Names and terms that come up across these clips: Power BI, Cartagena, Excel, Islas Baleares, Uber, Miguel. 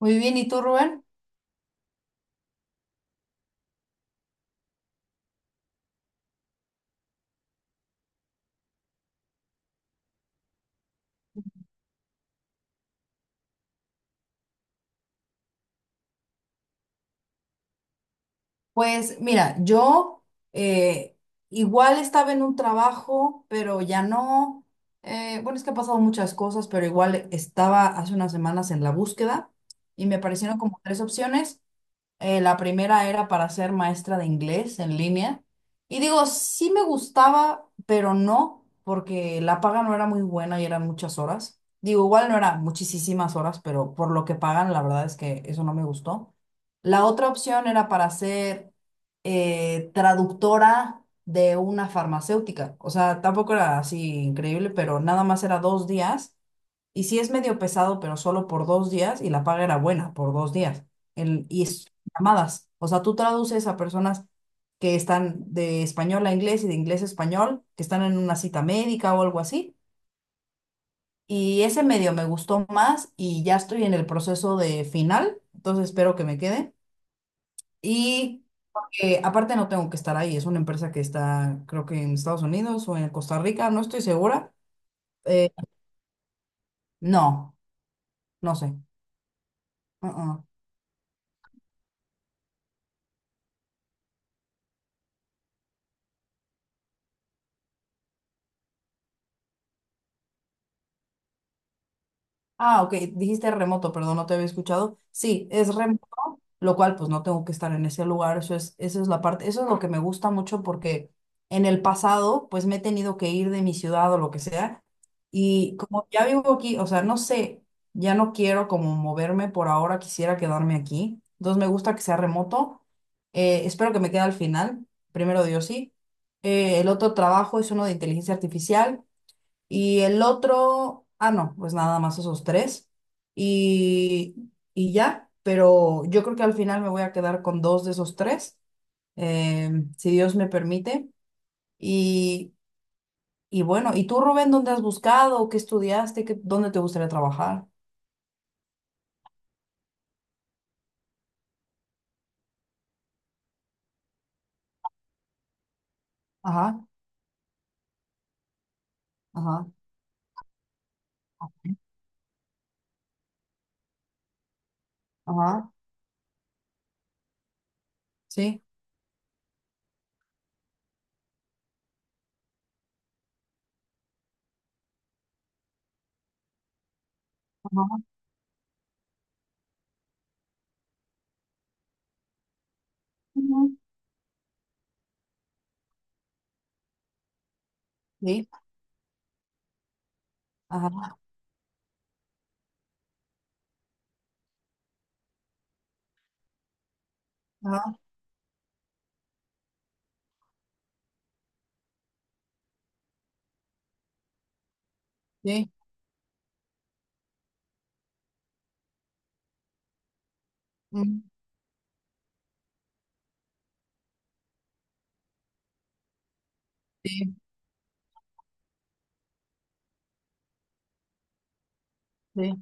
Muy bien, ¿y tú, Rubén? Pues mira, yo eh, igual estaba en un trabajo, pero ya no. Bueno, es que ha pasado muchas cosas, pero igual estaba hace unas semanas en la búsqueda y me aparecieron como tres opciones. La primera era para ser maestra de inglés en línea. Y digo, sí me gustaba, pero no, porque la paga no era muy buena y eran muchas horas. Digo, igual no eran muchísimas horas, pero por lo que pagan, la verdad es que eso no me gustó. La otra opción era para ser traductora de una farmacéutica. O sea, tampoco era así increíble, pero nada más era dos días. Y sí es medio pesado, pero solo por dos días y la paga era buena por dos días. Y es llamadas. O sea, tú traduces a personas que están de español a inglés y de inglés a español, que están en una cita médica o algo así. Y ese medio me gustó más y ya estoy en el proceso de final, entonces espero que me quede. Y aparte no tengo que estar ahí, es una empresa que está creo que en Estados Unidos o en Costa Rica, no estoy segura. Eh, no, no sé. Uh-uh. Ah, ok, dijiste remoto, perdón, no te había escuchado. Sí, es remoto, lo cual pues no tengo que estar en ese lugar, eso es, esa es la parte, eso es lo que me gusta mucho porque en el pasado pues me he tenido que ir de mi ciudad o lo que sea y como ya vivo aquí, o sea, no sé, ya no quiero como moverme por ahora, quisiera quedarme aquí, entonces me gusta que sea remoto, espero que me quede al final, primero Dios sí. El otro trabajo es uno de inteligencia artificial y el otro, ah, no, pues nada más esos tres. Y, y ya, pero yo creo que al final me voy a quedar con dos de esos tres, eh, si Dios me permite. Y, y bueno, ¿y tú, Rubén, dónde has buscado? ¿Qué estudiaste? ¿Qué, dónde te gustaría trabajar? Ajá, ajá, ajá, sí, ajá, ujú, sí, ajá, ajá, sí, mm, sí, sí.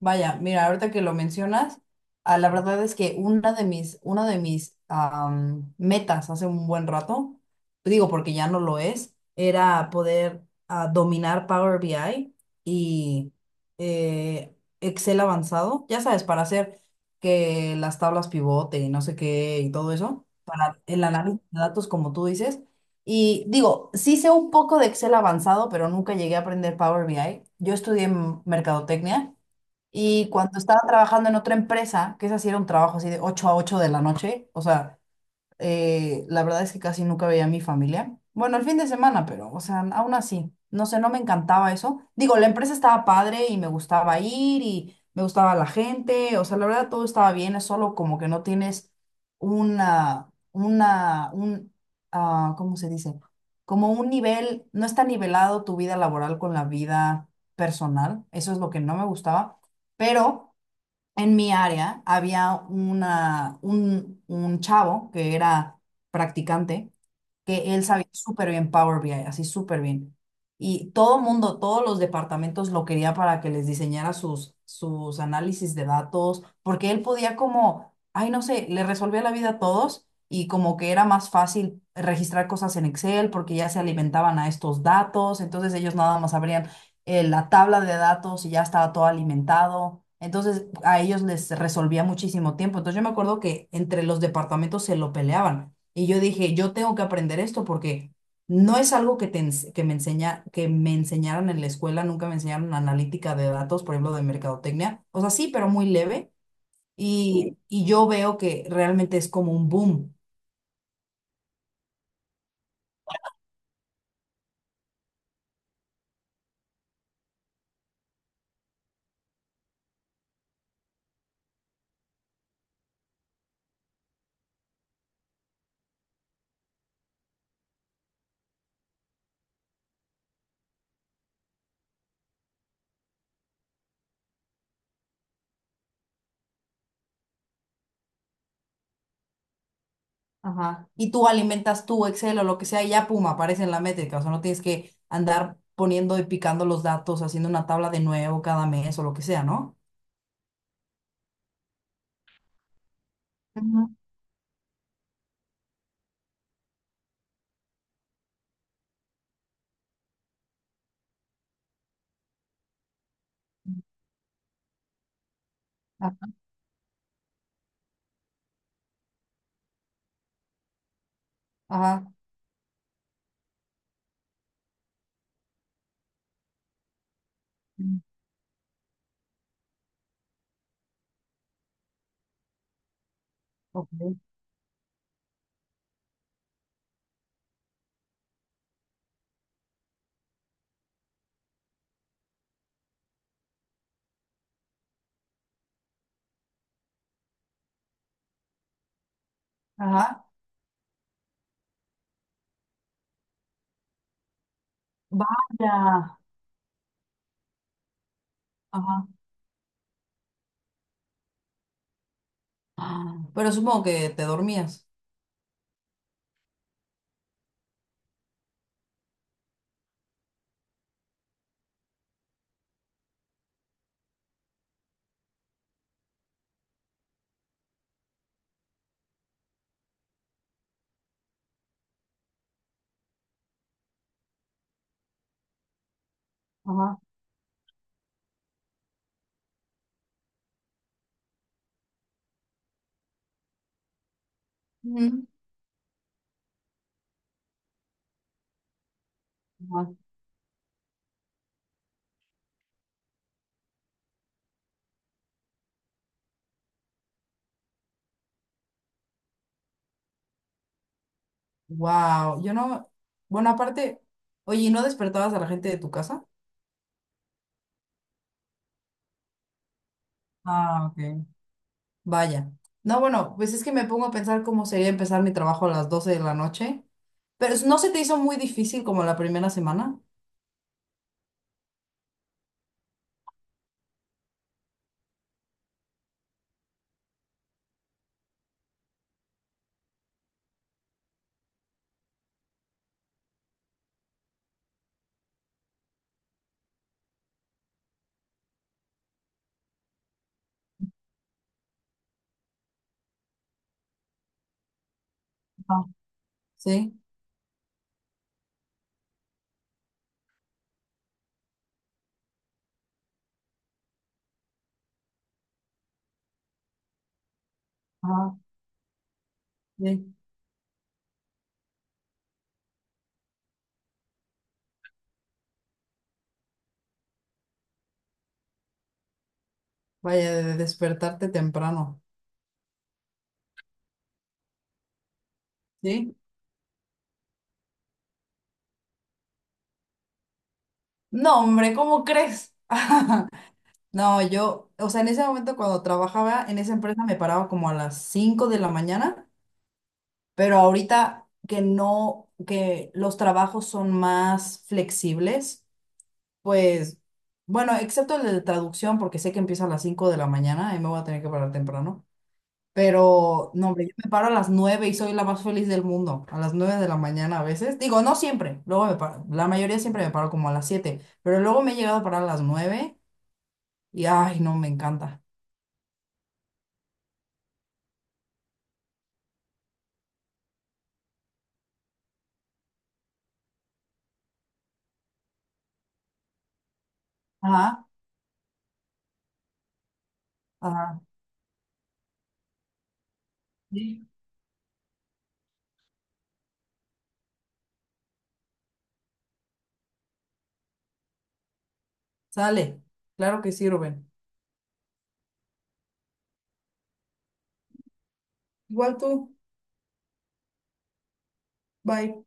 Vaya, mira, ahorita que lo mencionas, la verdad es que una de mis metas hace un buen rato, digo porque ya no lo es, era poder dominar Power BI y eh, Excel avanzado, ya sabes, para hacer que las tablas pivote y no sé qué y todo eso, para el análisis de datos como tú dices. Y digo, sí sé un poco de Excel avanzado, pero nunca llegué a aprender Power BI. Yo estudié mercadotecnia. Y cuando estaba trabajando en otra empresa, que esa sí era un trabajo así de 8 a 8 de la noche, o sea, la verdad es que casi nunca veía a mi familia. Bueno, el fin de semana, pero, o sea, aún así, no sé, no me encantaba eso. Digo, la empresa estaba padre y me gustaba ir y me gustaba la gente, o sea, la verdad todo estaba bien, es solo como que no tienes una, una, un, ¿cómo se dice? Como un nivel, no está nivelado tu vida laboral con la vida personal, eso es lo que no me gustaba, pero en mi área había un chavo que era practicante que él sabía súper bien Power BI, así súper bien. Y todo el mundo, todos los departamentos lo quería para que les diseñara sus análisis de datos, porque él podía como, ay, no sé, le resolvía la vida a todos y como que era más fácil registrar cosas en Excel porque ya se alimentaban a estos datos, entonces ellos nada más abrían la tabla de datos y ya estaba todo alimentado. Entonces a ellos les resolvía muchísimo tiempo. Entonces yo me acuerdo que entre los departamentos se lo peleaban y yo dije, yo tengo que aprender esto porque no es algo que, te ens- que, me enseña, que me enseñaron en la escuela, nunca me enseñaron analítica de datos, por ejemplo, de mercadotecnia. O sea, sí, pero muy leve. Y yo veo que realmente es como un boom. Ajá. Y tú alimentas tu Excel o lo que sea y ya, pum, aparece en la métrica. O sea, no tienes que andar poniendo y picando los datos, haciendo una tabla de nuevo cada mes o lo que sea, ¿no? Ujú. Ajá. Ajá. Mm. Ok. Ajá. Vaya. Ajá. Ah, pero supongo que te dormías. Ajá. Mm. Wow, yo no. Bueno, aparte, oye, ¿y no despertabas a la gente de tu casa? Ah, ok. Vaya. No, bueno, pues es que me pongo a pensar cómo sería empezar mi trabajo a las 12 de la noche. Pero ¿no se te hizo muy difícil como la primera semana? Ajá, sí, ajá, sí. Vaya, de despertarte temprano. ¿Sí? No, hombre, ¿cómo crees? No, yo, o sea, en ese momento cuando trabajaba en esa empresa me paraba como a las 5 de la mañana, pero ahorita que no, que los trabajos son más flexibles, pues, bueno, excepto el de traducción, porque sé que empieza a las 5 de la mañana y me voy a tener que parar temprano, pero no, hombre, yo me paro a las 9 y soy la más feliz del mundo, a las 9 de la mañana a veces, digo, no siempre, luego me paro, la mayoría siempre me paro como a las 7 pero luego me he llegado a parar a las 9 y, ay, no, me encanta. Ajá. Ajá, sí, sale. Claro que sí, Rubén. Igual tú, bye.